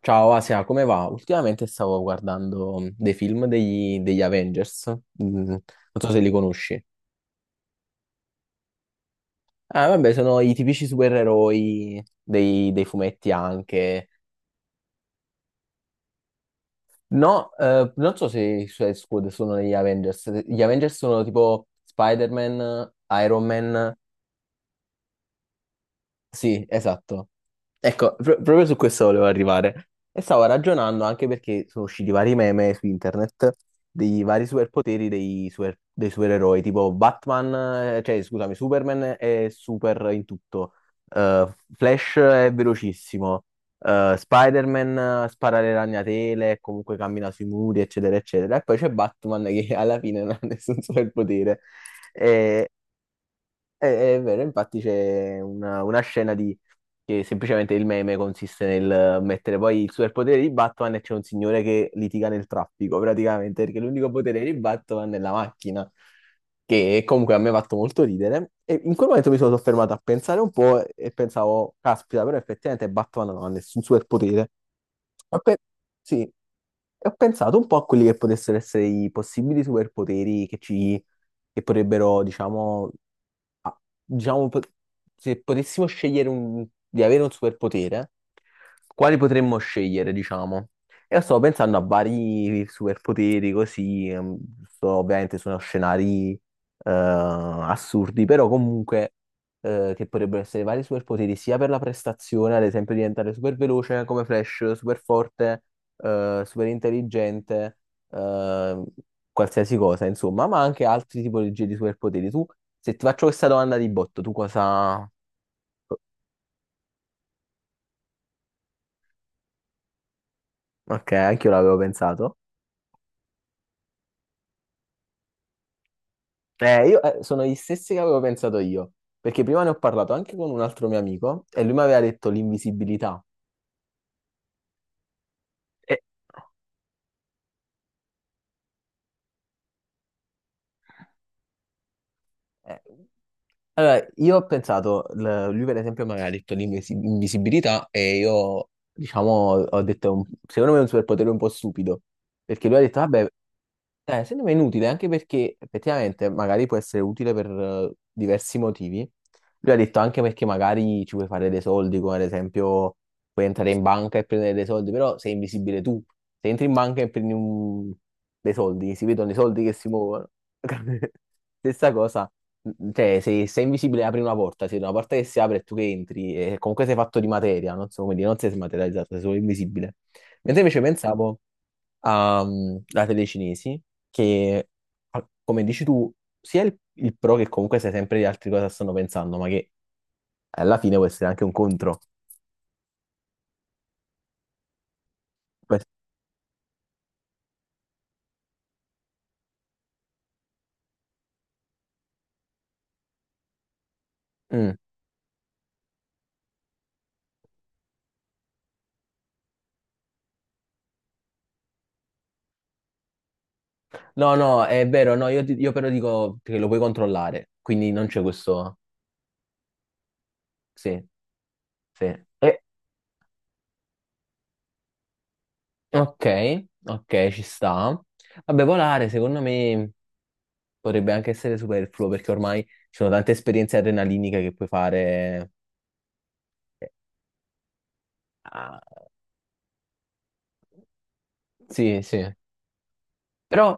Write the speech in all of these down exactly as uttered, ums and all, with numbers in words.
Ciao Asia, come va? Ultimamente stavo guardando mm, dei film degli, degli Avengers, mm, non so se li conosci. Ah, vabbè, sono i tipici supereroi dei, dei fumetti anche. No, eh, non so se i Suicide Squad sono negli Avengers. Gli Avengers sono tipo Spider-Man, Iron Man. Sì, esatto. Ecco, pro- proprio su questo volevo arrivare. E stavo ragionando anche perché sono usciti vari meme su internet dei vari superpoteri dei, super- dei supereroi, tipo Batman, eh, cioè scusami, Superman è super in tutto. Eh, Flash è velocissimo. Eh, Spider-Man eh, spara le ragnatele, comunque cammina sui muri, eccetera, eccetera. E poi c'è Batman che alla fine non ha nessun superpotere. È, è vero, infatti c'è una, una scena di, che semplicemente il meme consiste nel mettere poi il superpotere di Batman, e c'è un signore che litiga nel traffico praticamente, perché l'unico potere di Batman è la macchina, che comunque a me ha fatto molto ridere. E in quel momento mi sono soffermato a pensare un po' e pensavo, caspita, però effettivamente Batman non ha nessun superpotere. Ma pe- sì, e ho pensato un po' a quelli che potessero essere i possibili superpoteri che ci, che potrebbero, diciamo. Ah, diciamo, po- se potessimo scegliere un- di avere un superpotere, quali potremmo scegliere, diciamo? Io sto pensando a vari superpoteri così, ehm, sto- ovviamente sono scenari eh, assurdi, però comunque eh, che potrebbero essere vari superpoteri sia per la prestazione, ad esempio diventare super veloce come Flash, super forte, eh, super intelligente, qualsiasi cosa, insomma, ma anche altri tipologie di superpoteri. Tu, se ti faccio questa domanda di botto, tu cosa... Ok, anche io l'avevo pensato. Eh, io eh, sono gli stessi che avevo pensato io, perché prima ne ho parlato anche con un altro mio amico e lui mi aveva detto l'invisibilità. E- eh, Allora, io ho pensato, l- lui per esempio mi aveva detto l'invisibilità e io, diciamo, ho detto, è un- secondo me è un superpotere un po' stupido, perché lui ha detto, vabbè. Eh, secondo me è inutile, anche perché effettivamente magari può essere utile per eh, diversi motivi. Lui ha detto anche perché magari ci puoi fare dei soldi, come ad esempio puoi entrare in banca e prendere dei soldi, però sei invisibile tu. Se entri in banca e prendi un- dei soldi, si vedono i soldi che si muovono. Stessa cosa, cioè se sei invisibile apri una porta, se una porta che si apre e tu che entri, e comunque sei fatto di materia, non so come dire, non sei smaterializzato, sei solo invisibile. Mentre invece pensavo a, mm, la tele cinesi, che ah, come dici tu, sia il, il pro che comunque sai sempre di altri cosa stanno pensando, ma che alla fine può essere anche un contro. Per- Mm. No, no, è vero, no, io, ti- io però dico che lo puoi controllare, quindi non c'è questo... Sì, sì. Eh, ok, ok, ci sta. Vabbè, volare secondo me potrebbe anche essere superfluo perché ormai ci sono tante esperienze adrenaliniche che puoi fare. Ah, sì, sì. Però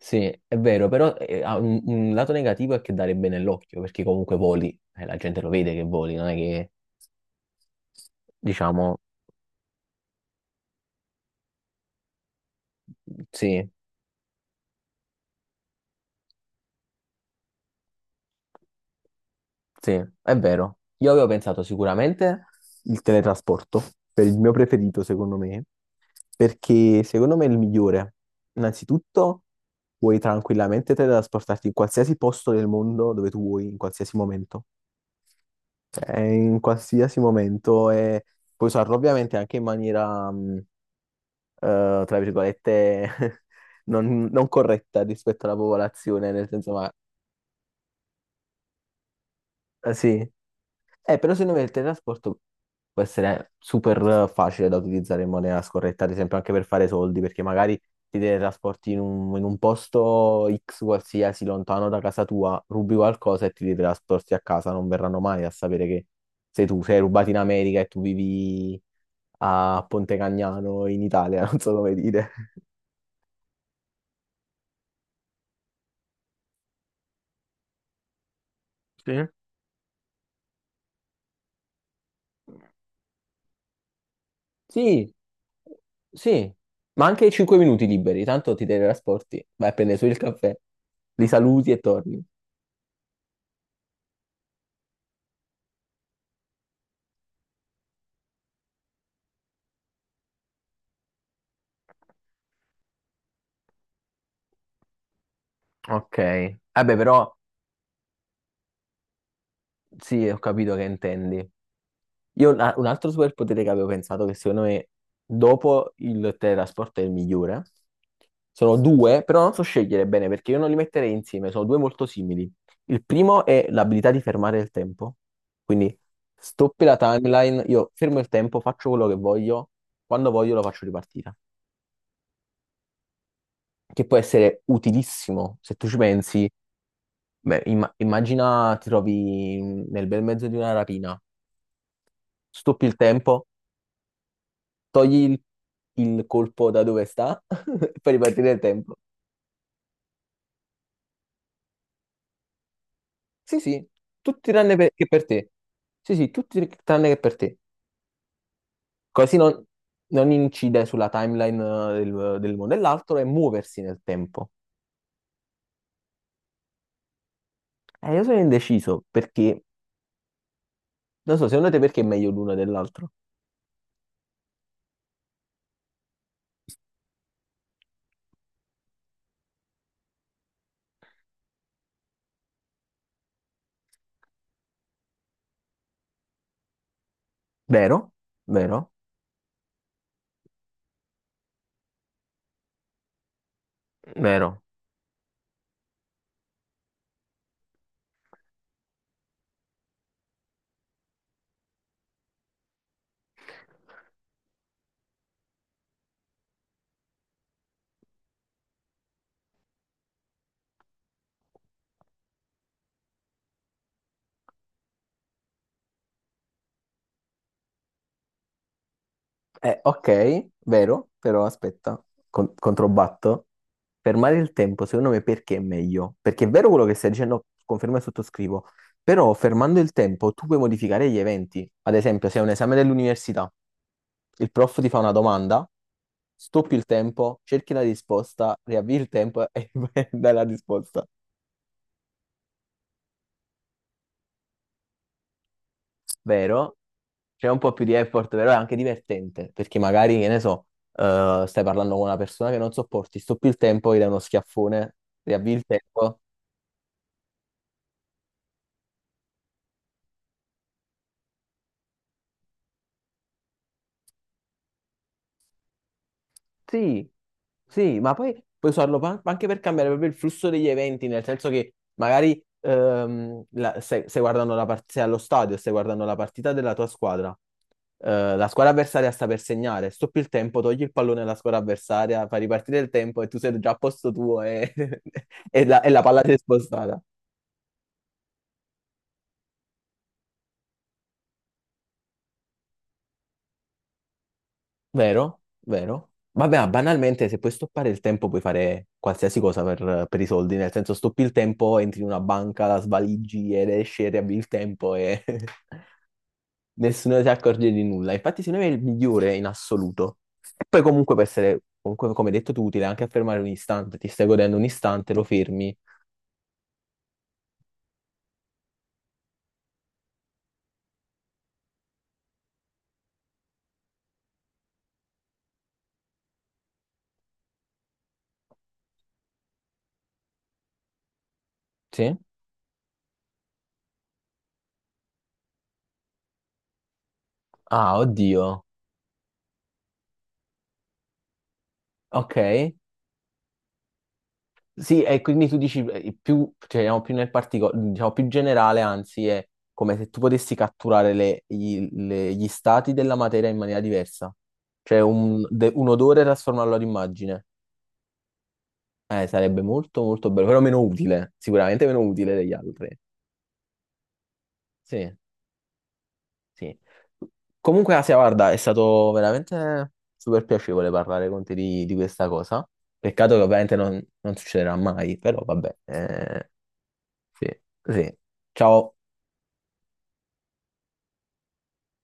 sì, è vero, però eh, ha un, un lato negativo è che darebbe nell'occhio, perché comunque voli, eh, la gente lo vede che voli, non è che, diciamo, sì, sì, è vero. Io avevo pensato sicuramente il teletrasporto, per il mio preferito, secondo me, perché secondo me è il migliore. Innanzitutto, puoi tranquillamente teletrasportarti in qualsiasi posto del mondo dove tu vuoi, in qualsiasi momento. Eh, in qualsiasi momento e puoi usarlo ovviamente anche in maniera, mh, eh, tra virgolette, non, non corretta rispetto alla popolazione, nel senso, ma eh, sì. Eh, però secondo me il teletrasporto può essere super eh, facile da utilizzare in maniera scorretta, ad esempio anche per fare soldi, perché magari ti teletrasporti in un, in un posto X qualsiasi, lontano da casa tua, rubi qualcosa e ti teletrasporti a casa, non verranno mai a sapere che sei tu, sei rubato in America e tu vivi a Ponte Cagnano in Italia, non so come dire. Sì? Sì, sì, ma anche cinque minuti liberi, tanto ti teletrasporti, vai a prendere su il caffè, li saluti e torni. Ok. Vabbè, però sì, ho capito che intendi. Io la- un altro superpotere che avevo pensato, che secondo me dopo il teletrasporto è il migliore, sono due, però non so scegliere bene perché io non li metterei insieme, sono due molto simili. Il primo è l'abilità di fermare il tempo, quindi stoppi la timeline, io fermo il tempo, faccio quello che voglio, quando voglio lo faccio ripartire, che può essere utilissimo se tu ci pensi. Beh, imma- immagina ti trovi in- nel bel mezzo di una rapina, stoppi il tempo, togli il, il colpo da dove sta e fai ripartire il tempo. Sì, sì, tutti tranne per- che per te. Sì, sì, tutti tranne che per te. Così non, non incide sulla timeline eh, del, del mondo. E l'altro è muoversi nel tempo. Eh, io sono indeciso perché, non so, secondo te perché è meglio l'uno dell'altro? Vero? Vero? Vero? Eh, ok, vero, però aspetta, con- controbatto. Fermare il tempo, secondo me, perché è meglio? Perché è vero quello che stai dicendo, confermo e sottoscrivo, però fermando il tempo tu puoi modificare gli eventi. Ad esempio, se è un esame dell'università, il prof ti fa una domanda, stoppi il tempo, cerchi la risposta, riavvii il tempo e dai la risposta. Vero? C'è un po' più di effort, però è anche divertente, perché magari, che ne so, eh, stai parlando con una persona che non sopporti, stoppi il tempo, gli dai uno schiaffone, riavvi il tempo. Sì, sì, ma poi puoi usarlo pa- anche per cambiare proprio il flusso degli eventi, nel senso che magari ehm, la- se, se guardano la part- se allo stadio, stai guardando la partita della tua squadra, eh, la squadra avversaria sta per segnare, stoppi il tempo, togli il pallone alla squadra avversaria, fai ripartire il tempo e tu sei già a posto tuo e, e la, e la palla si è spostata. Vero, vero. Vabbè, ma banalmente, se puoi stoppare il tempo, puoi fare qualsiasi cosa per, per i soldi. Nel senso, stoppi il tempo, entri in una banca, la svaligi ed esci e riavvi il tempo e nessuno si accorge di nulla. Infatti, secondo me è il migliore in assoluto. E poi, comunque, può essere, comunque, come detto tu, utile anche affermare un istante. Ti stai godendo un istante, lo fermi. Sì? Ah, oddio. Ok. Sì, e quindi tu dici eh, più, cioè, andiamo più nel particolare, diciamo più generale, anzi, è come se tu potessi catturare le- gli, le- gli stati della materia in maniera diversa. Cioè un, de- un odore e trasformarlo ad immagine. Eh, sarebbe molto molto bello, però meno utile, sicuramente meno utile degli altri. Sì. Sì. Comunque, Asia, guarda, è stato veramente super piacevole parlare con te di, di questa cosa. Peccato che ovviamente non, non succederà mai, però vabbè. Eh, sì, sì. Ciao.